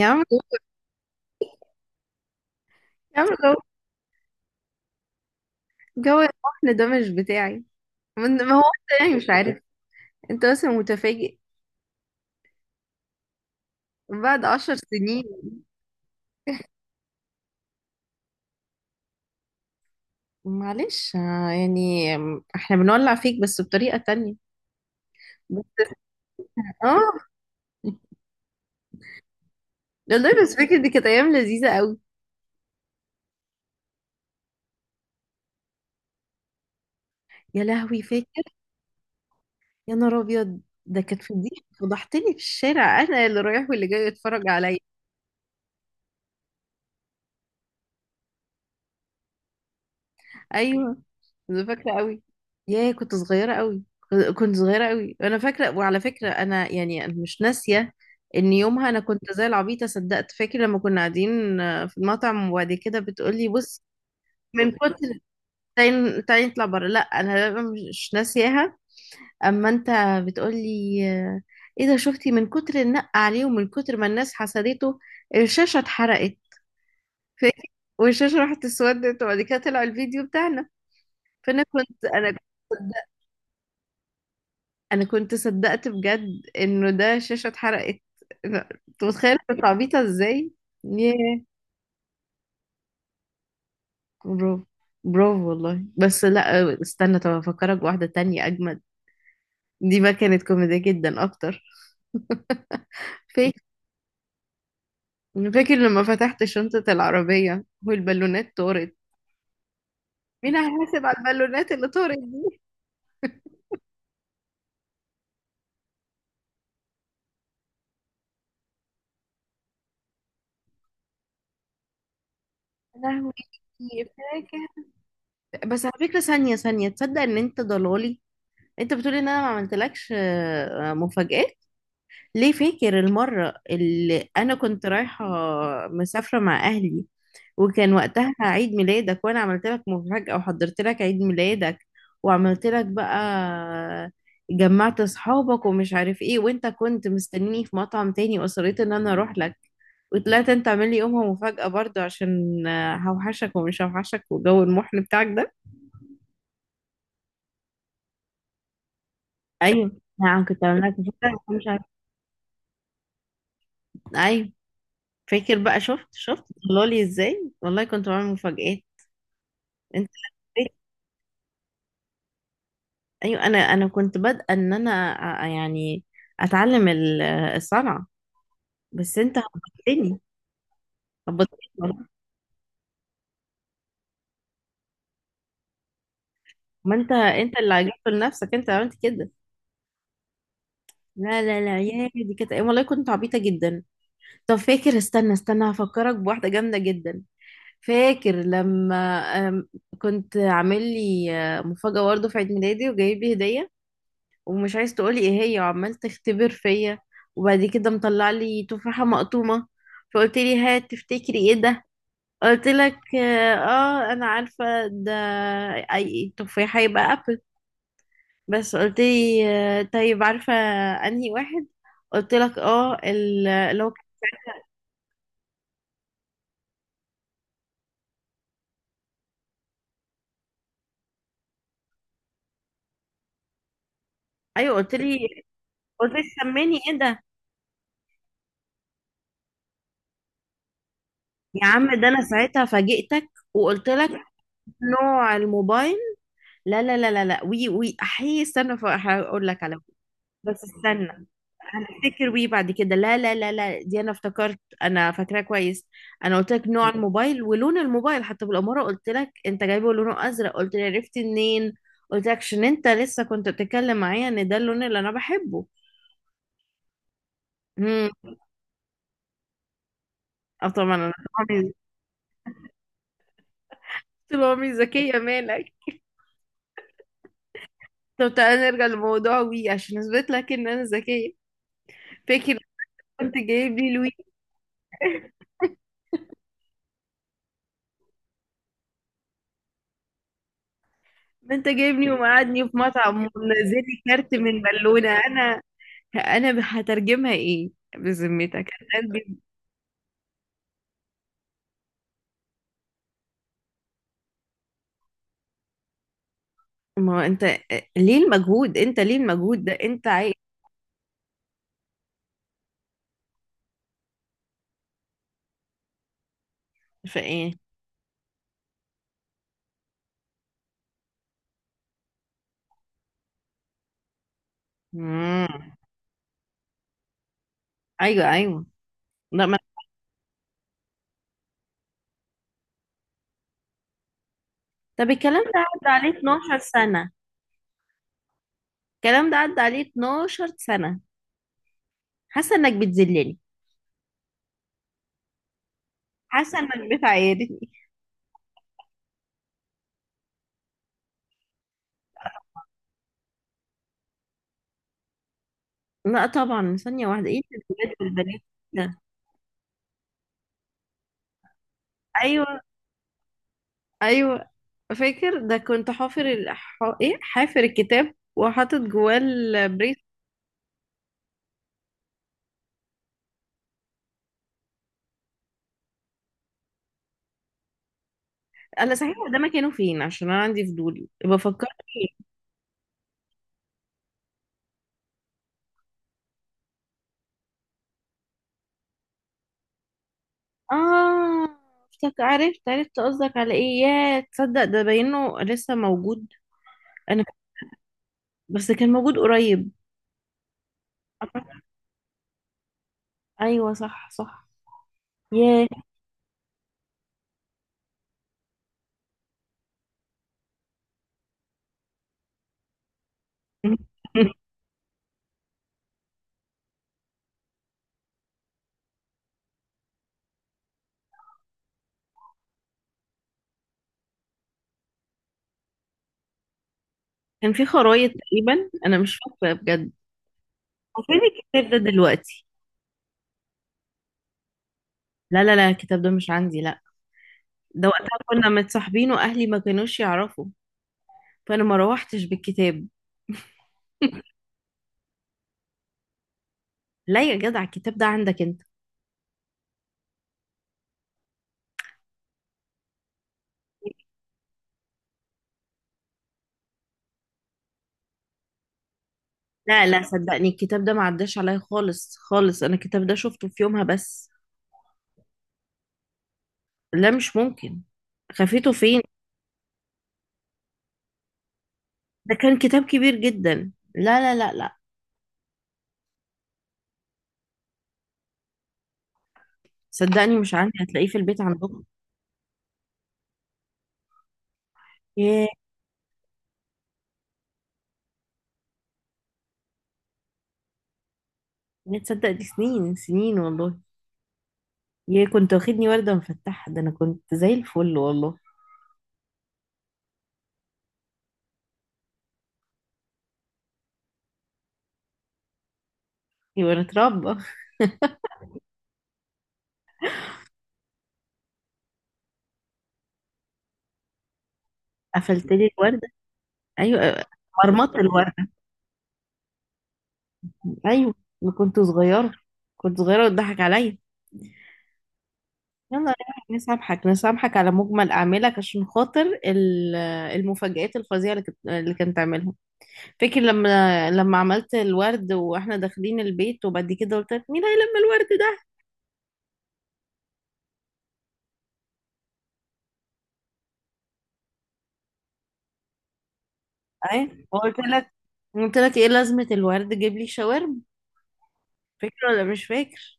يا عم لو- يا عم جو، جو الوحدة ده مش بتاعي. من ما هو انت يعني مش عارف. انت بس متفاجئ بعد 10 سنين. معلش، يعني احنا بنولع فيك بس بطريقة تانية. بس- اه، والله بس فاكر دي كانت ايام لذيذة قوي. يا لهوي فاكر. يا نهار ابيض، ده كانت فضيحة فضحتني في الشارع، انا اللي رايح واللي جاي يتفرج عليا. ايوه انا فاكره قوي. ياه كنت صغيره قوي، كنت صغيره قوي، انا فاكره. وعلى فكره انا يعني أنا مش ناسيه ان يومها انا كنت زي العبيطه صدقت. فاكر لما كنا قاعدين، في المطعم، وبعد كده بتقولي بص. من كتر تعالي تعالي نطلع بره. لا انا مش ناسياها. اما انت بتقولي، ايه ده شفتي، من كتر النق عليه ومن كتر ما الناس حسدته الشاشه اتحرقت. فاكر، والشاشه راحت اسودت وبعد كده طلع الفيديو بتاعنا. فانا كنت انا انا كنت صدقت بجد انه ده شاشة اتحرقت. انت متخيل كنت عبيطة ازاي؟ ياه. برافو، برافو والله. بس لا استنى، طب افكرك بواحدة تانية اجمد. دي بقى كانت كوميدية جدا اكتر. فاكر، فاكر لما فتحت شنطة العربية والبالونات طارت؟ مين هيحاسب على البالونات اللي طارت دي؟ يا لهوي فاكر. بس على فكرة، ثانية ثانية، تصدق ان انت ضلالي؟ انت بتقولي ان انا ما عملتلكش، مفاجآت. ليه، فاكر المرة اللي أنا كنت رايحة مسافرة مع أهلي، وكان وقتها عيد ميلادك وأنا عملت لك مفاجأة وحضرت لك عيد ميلادك. وعملت لك بقى، جمعت أصحابك ومش عارف إيه، وأنت كنت مستنيني في مطعم تاني وأصريت إن أنا أروح لك. وطلعت أنت عامل لي يومها مفاجأة برضو عشان هوحشك ومش هوحشك وجو المحن بتاعك ده. أيوه. نعم، كنت عامل لك مفاجأة مش عارف. أيوه. فاكر بقى، شفت شفت طلع لي ازاي؟ والله كنت بعمل مفاجآت. انت عارف- ايوه، انا كنت بادئه ان انا، يعني اتعلم الصنعه. بس انت هبطتني، هبطتني والله. ما انت، انت اللي عجبت لنفسك انت عملت كده. لا لا لا، يا دي كانت والله كنت عبيطه جدا. طب فاكر، استنى استنى هفكرك بواحده جامده جدا. فاكر لما، أم، كنت عامل لي، مفاجاه برضه في عيد ميلادي وجايب لي هديه ومش عايز تقولي ايه هي، وعمال تختبر فيا، وبعد كده مطلع لي تفاحة مقطومة فقلت لي هات تفتكري ايه ده. قلت لك اه، انا عارفة ده، اي تفاحة يبقى ابل. بس قلت لي آه طيب، عارفة انهي واحد؟ قلت لك اه اللي هو. ايوه قلت لي، قلت لي سميني ايه ده. يا عم ده انا ساعتها فاجئتك وقلت لك نوع الموبايل. لا لا لا لا لا، وي وي، احي استنى فاقول لك على. بس استنى افتكر بيه بعد كده. لا لا لا لا، دي انا افتكرت، انا فاكراه كويس. انا قلت لك نوع الموبايل ولون الموبايل، حتى بالاماره قلت لك انت جايبه لونه ازرق. قلت لي عرفتي منين؟ قلت لك عشان انت لسه كنت بتتكلم معايا ان ده اللون اللي انا بحبه. امم. اه طبعا انا. طبعا، طول عمري ذكيه مالك. طب تعالى نرجع لموضوع وي عشان اثبت لك ان انا ذكيه. فاكر كنت جايب لي الوي. ما انت جايبني ومقعدني في مطعم ونزل لي كارت من بالونه. انا انا هترجمها ايه؟ بذمتك هترجم. ما هو انت، ليه المجهود؟ انت ليه المجهود ده انت عايز؟ في ايه؟ مم. ايوه ايوه. لا ما... طب الكلام ده عدى عليه 12 سنه، الكلام ده عدى عليه 12 سنه. حاسه انك بتذلني، حاسه انك بتعايرني. لا طبعا، ثانيه واحده، ايه الولاد والبنات ده؟ ايوه ايوه. فاكر ده كنت حافر ايه، حافر الكتاب وحاطط جواه البريس. الله صحيح، هو ده مكانه فين عشان انا عندي فضول بفكر فيه. اه افتك، عرفت عرفت قصدك على ايه. يا تصدق ده باينه لسه موجود. انا بس كان موجود قريب. ايوه صح صح. ياه. كان في خرايط تقريبا انا مش فاكره بجد. هو فين الكتاب ده دلوقتي؟ لا لا لا، الكتاب ده مش عندي، لا. ده وقتها كنا متصاحبين واهلي ما كانوش يعرفوا، فانا ما روحتش بالكتاب. لا يا جدع، الكتاب ده عندك انت. لا لا، صدقني الكتاب ده ما عداش عليا خالص خالص، انا الكتاب ده شفته في يومها بس. لا مش ممكن، خفيته فين؟ ده كان كتاب كبير جدا، لا لا لا لا. صدقني مش عندي، هتلاقيه في البيت عندكم. ياه، يا تصدق دي سنين سنين والله. ياه كنت واخدني وردة مفتحة، ده انا كنت زي الفل والله. يبقى اتربى. قفلت لي الوردة، ايوه، مرمطة الوردة. ايوه. أنا كنت صغيرة، كنت صغيرة وتضحك عليا. يلا نسامحك، نسامحك على مجمل أعمالك عشان خاطر المفاجآت الفظيعة اللي كنت عاملها. فاكر لما عملت الورد واحنا داخلين البيت وبعد كده قلت لك مين هيلم الورد ده؟ ايه، وقلت لك، قلت لك ايه لازمة الورد، جيب لي شاورما. فاكر ولا مش فاكر؟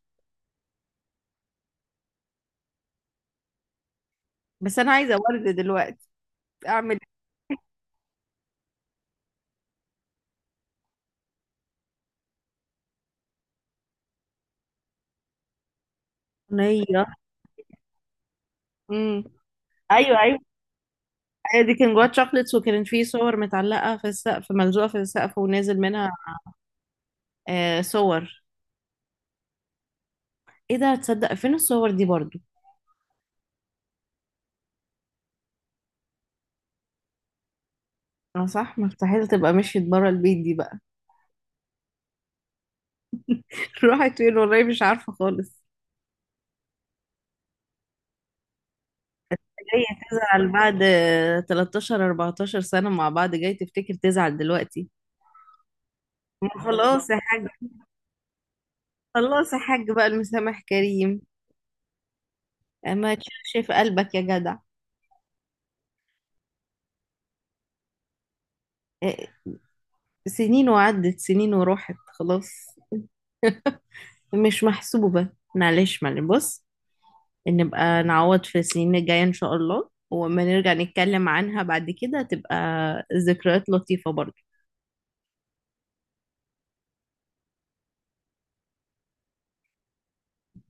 بس انا عايزة ورد دلوقتي. اعمل صينية. امم. ايوه ايوه، هي دي كان جواها شوكليتس وكان في صور متعلقة في السقف، ملزوقة في السقف ونازل منها. آه صور. ايه ده، تصدق فين الصور دي برضو؟ اه صح، مستحيل تبقى مشيت بره البيت دي بقى. راحت فين والله مش عارفة خالص. جاية تزعل بعد 13 14 سنة مع بعض، جاي تفتكر تزعل دلوقتي؟ ما خلاص يا حاج، خلاص يا حاج بقى المسامح كريم. ما تشوفش في قلبك يا جدع. اه، سنين وعدت سنين وراحت خلاص، مش محسوبة. معلش معلش بص، نبقى نعوض في السنين الجاية إن شاء الله وما نرجع نتكلم عنها بعد كده تبقى ذكريات لطيفة برضه.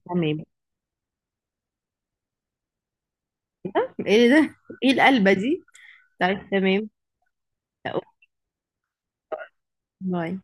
تمام. ايه ده، ايه القلبة دي؟ طيب تمام. أوه، باي.